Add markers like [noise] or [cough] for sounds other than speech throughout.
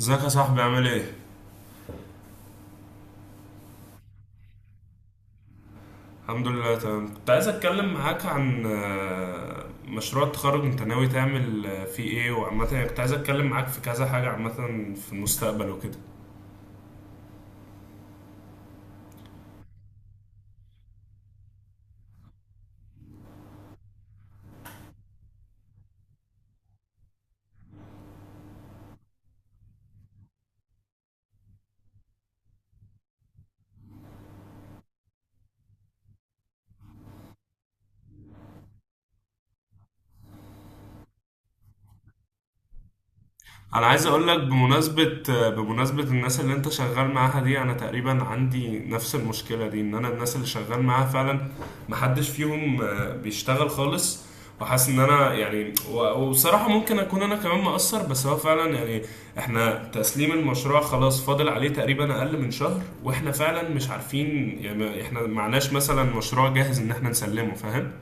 ازيك يا صاحبي؟ عامل ايه؟ الحمد لله، تمام. كنت عايز اتكلم معاك عن مشروع التخرج. انت ناوي تعمل فيه ايه؟ وعامة يعني كنت عايز اتكلم معاك في كذا حاجة عامة في المستقبل وكده. انا عايز اقول لك بمناسبة، الناس اللي انت شغال معاها دي، انا تقريبا عندي نفس المشكلة دي، ان انا الناس اللي شغال معاها فعلا محدش فيهم بيشتغل خالص. وحاسس ان انا يعني وبصراحة ممكن اكون انا كمان مقصر، بس هو فعلا يعني احنا تسليم المشروع خلاص فاضل عليه تقريبا اقل من شهر، واحنا فعلا مش عارفين يعني احنا معناش مثلا مشروع جاهز ان احنا نسلمه، فاهم؟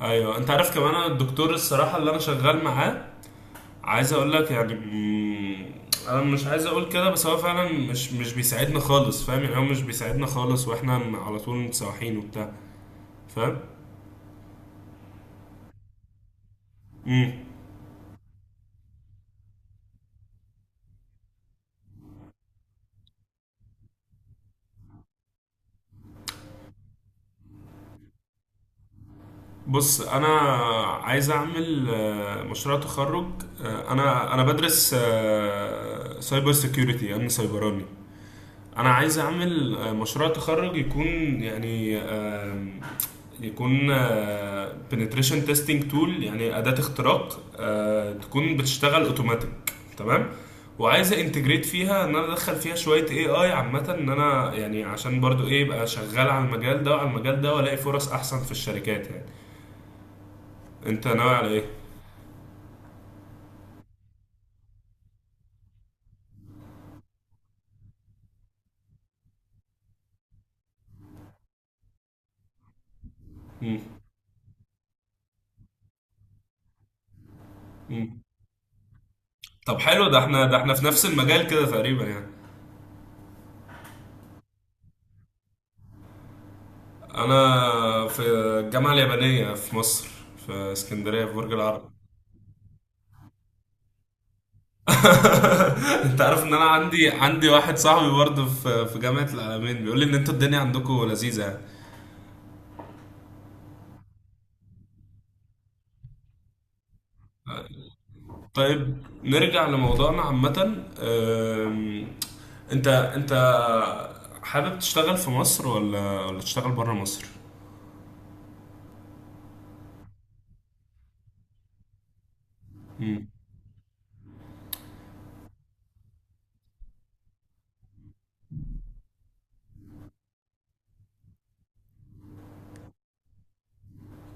ايوه. انت عارف كمان انا الدكتور الصراحة اللي انا شغال معاه، عايز اقول لك يعني انا مش عايز اقول كده، بس هو فعلا مش بيساعدنا خالص، فاهم؟ يعني هو مش بيساعدنا خالص، واحنا على طول متسوحين وبتاع، فاهم؟ امم بص، انا عايز اعمل مشروع تخرج. انا بدرس سايبر سيكيورتي، امن سيبراني. انا عايز اعمل مشروع تخرج يكون يعني يكون بنتريشن تيستنج تول، يعني اداه اختراق تكون بتشتغل اوتوماتيك، تمام. وعايز انتجريت فيها، ان انا ادخل فيها شويه اي عامه، ان انا يعني عشان برضو ايه يبقى شغال على المجال ده وعلى المجال ده والاقي فرص احسن في الشركات يعني. انت ناوي على ايه؟ مم. مم. طب حلو، ده احنا احنا في نفس المجال كده تقريبا يعني. انا في الجامعه اليابانيه في مصر، في اسكندريه، في برج العرب. [laughs] انت عارف ان انا عندي واحد صاحبي برضه في في جامعه العالمين بيقول لي ان انتوا الدنيا عندكم لذيذه يعني. طيب نرجع لموضوعنا عامه. أم، انت حابب تشتغل في مصر ولا تشتغل بره مصر؟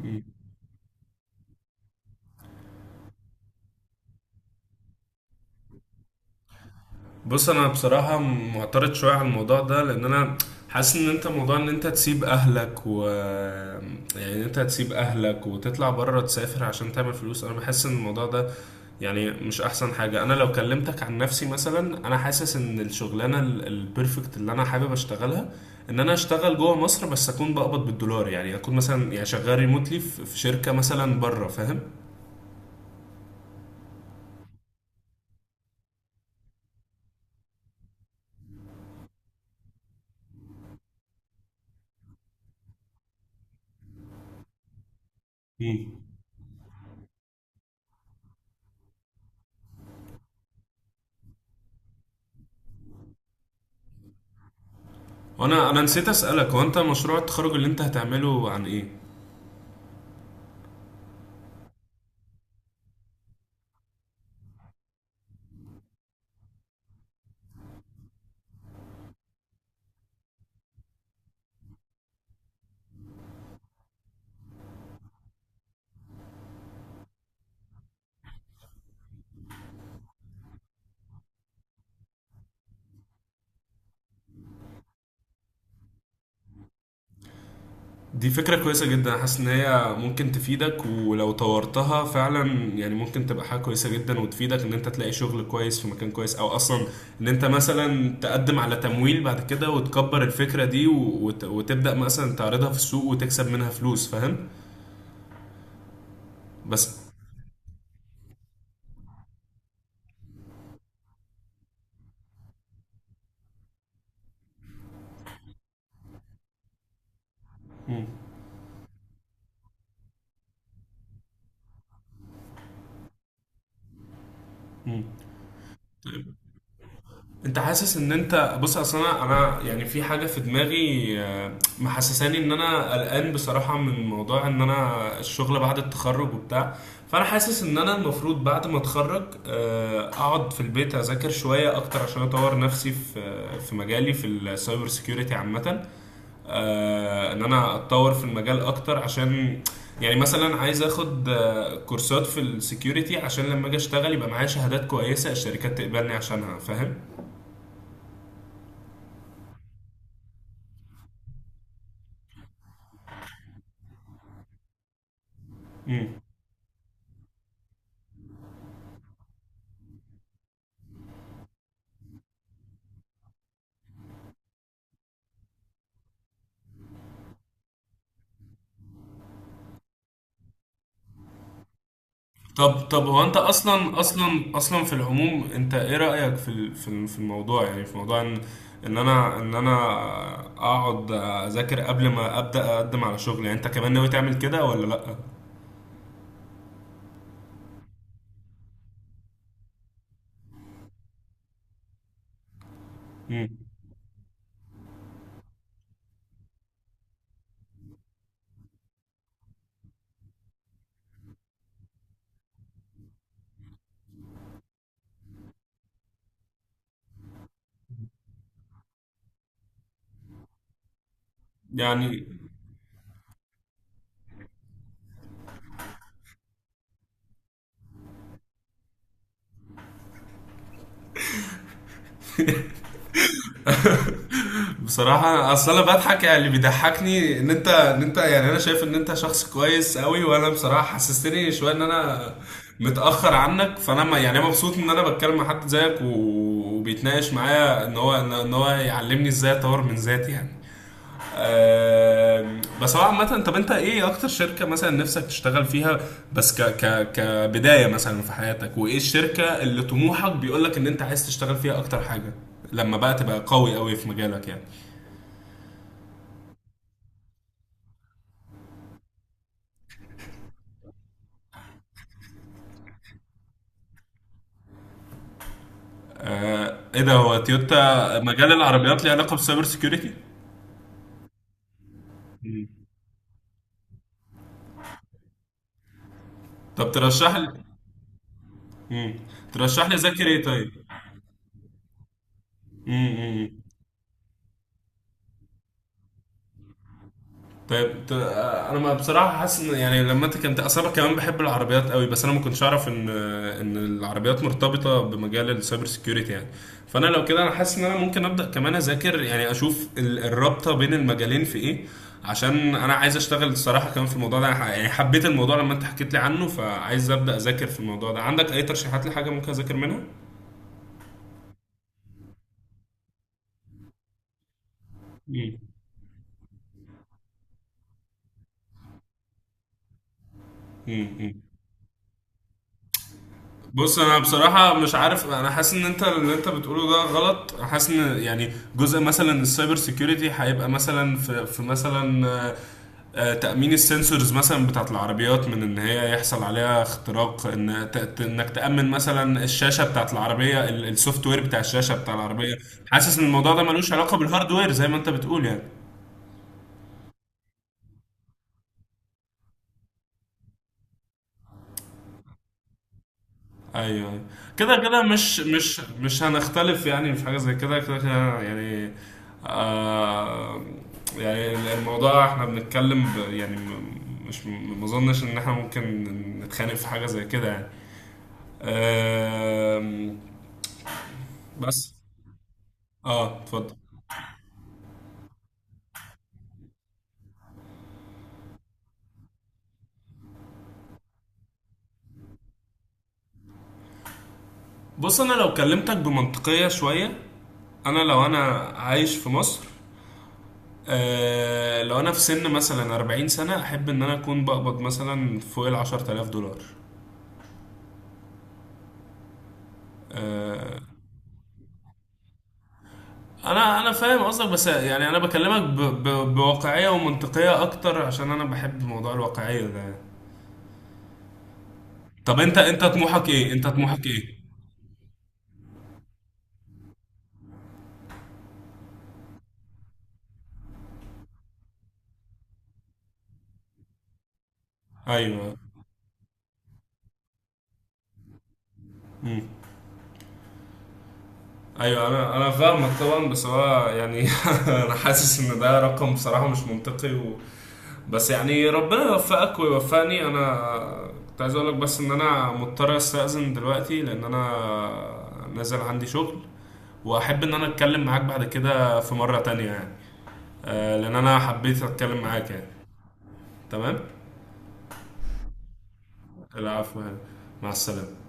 مم. بص، انا بصراحة معترض شوية على الموضوع ده، لان انا حاسس ان انت موضوع ان انت تسيب اهلك، و... يعني إن انت تسيب اهلك وتطلع بره، تسافر عشان تعمل فلوس، انا بحس ان الموضوع ده يعني مش احسن حاجة. انا لو كلمتك عن نفسي مثلا، انا حاسس ان الشغلانة البرفكت اللي انا حابب اشتغلها ان انا اشتغل جوه مصر، بس اكون بقبض بالدولار، يعني اكون مثلا يعني شغال ريموتلي في في شركة مثلا بره، فاهم؟ مم. وانا نسيت اسالك، هو انت مشروع التخرج اللي انت هتعمله عن ايه؟ دي فكرة كويسة جدا. حاسس ان هي ممكن تفيدك، ولو طورتها فعلا يعني ممكن تبقى حاجة كويسة جدا، وتفيدك ان انت تلاقي شغل كويس في مكان كويس، او اصلا ان انت مثلا تقدم على تمويل بعد كده وتكبر الفكرة دي وتبدأ مثلا تعرضها في السوق وتكسب منها فلوس، فاهم؟ بس... مم. مم. انت حاسس ان انت... بص، اصل انا، يعني في حاجه في دماغي محسساني ان انا قلقان بصراحه من موضوع ان انا الشغل بعد التخرج وبتاع. فانا حاسس ان انا المفروض بعد ما اتخرج اقعد في البيت اذاكر شويه اكتر عشان اطور نفسي في في مجالي، في السايبر سيكيورتي عامه. ان انا اتطور في المجال اكتر، عشان يعني مثلا عايز اخد كورسات في السكيورتي عشان لما اجي اشتغل يبقى معايا شهادات كويسه الشركات تقبلني عشانها، فاهم؟ مم. طب هو انت اصلا في العموم، انت ايه رأيك في في في الموضوع يعني؟ في موضوع ان ان انا ان انا اقعد اذاكر قبل ما ابدا اقدم على شغل، يعني انت كمان ناوي تعمل كده ولا لا؟ امم يعني بصراحة، اصل انا بضحك، يعني اللي بيضحكني ان انت ان انت يعني انا شايف ان انت شخص كويس قوي، وانا بصراحة حسستني شوية ان انا متأخر عنك، فانا ما يعني مبسوط ان انا بتكلم مع حد زيك، وبيتناقش معايا ان هو، إن هو يعلمني ازاي اطور من ذاتي يعني. بس هو عامة، طب انت ايه اكتر شركة مثلا نفسك تشتغل فيها بس ك ك كبداية مثلا في حياتك؟ وايه الشركة اللي طموحك بيقولك ان انت عايز تشتغل فيها اكتر حاجة، لما بقى تبقى قوي في مجالك يعني؟ ايه ده، هو تويوتا مجال العربيات ليه علاقة بالسايبر سيكيورتي؟ طب ترشح لي. مم. ترشح لي اذاكر ايه طيب؟ مم. مم. طيب انا ما بصراحه حاسس ان يعني لما انت كنت اصلا كمان بحب العربيات قوي، بس انا ما كنتش اعرف ان ان العربيات مرتبطه بمجال السايبر سيكيورتي يعني. فانا لو كده انا حاسس ان انا ممكن ابدا كمان اذاكر، يعني اشوف الرابطه بين المجالين في ايه، عشان انا عايز اشتغل الصراحه كمان في الموضوع ده. أنا يعني حبيت الموضوع لما انت حكيت لي عنه، فعايز ابدا اذاكر في الموضوع ده. عندك اي ترشيحات لحاجه ممكن اذاكر منها؟ امم. امم. بص، انا بصراحه مش عارف، انا حاسس ان انت اللي انت بتقوله ده غلط. أنا حاسس ان يعني جزء مثلا السايبر سيكيورتي هيبقى مثلا في، في مثلا تامين السنسورز مثلا بتاعت العربيات من ان هي يحصل عليها اختراق، ان انك تامن مثلا الشاشه بتاعت العربيه، السوفت وير بتاع الشاشه بتاع العربيه. حاسس ان الموضوع ده ملوش علاقه بالهاردوير زي ما انت بتقول يعني. ايوه، أيوة. كده كده مش هنختلف يعني في حاجه زي كده، كده كده يعني. آه، يعني الموضوع احنا بنتكلم يعني مش ما اظنش ان احنا ممكن نتخانق في حاجه زي كده يعني. آم، بس... اه، اتفضل. بص، انا لو كلمتك بمنطقيه شويه، انا لو انا عايش في مصر، آه لو انا في سن مثلا 40 سنة، احب ان انا اكون بقبض مثلا فوق ال $10,000. آه، انا فاهم قصدك، بس يعني انا بكلمك ب... ب... بواقعيه ومنطقيه اكتر، عشان انا بحب موضوع الواقعيه ده يعني. طب انت طموحك ايه، انت طموحك ايه؟ ايوه. امم. ايوه، انا فاهمك طبعا، بس هو يعني [laughs] انا حاسس ان ده رقم بصراحه مش منطقي و... بس يعني ربنا يوفقك ويوفقني. انا كنت عايز اقول لك بس ان انا مضطر استاذن دلوقتي، لان انا نازل عندي شغل. واحب ان انا اتكلم معاك بعد كده في مره تانية يعني، لان انا حبيت اتكلم معاك يعني. تمام. العفو يعني. مع السلامه.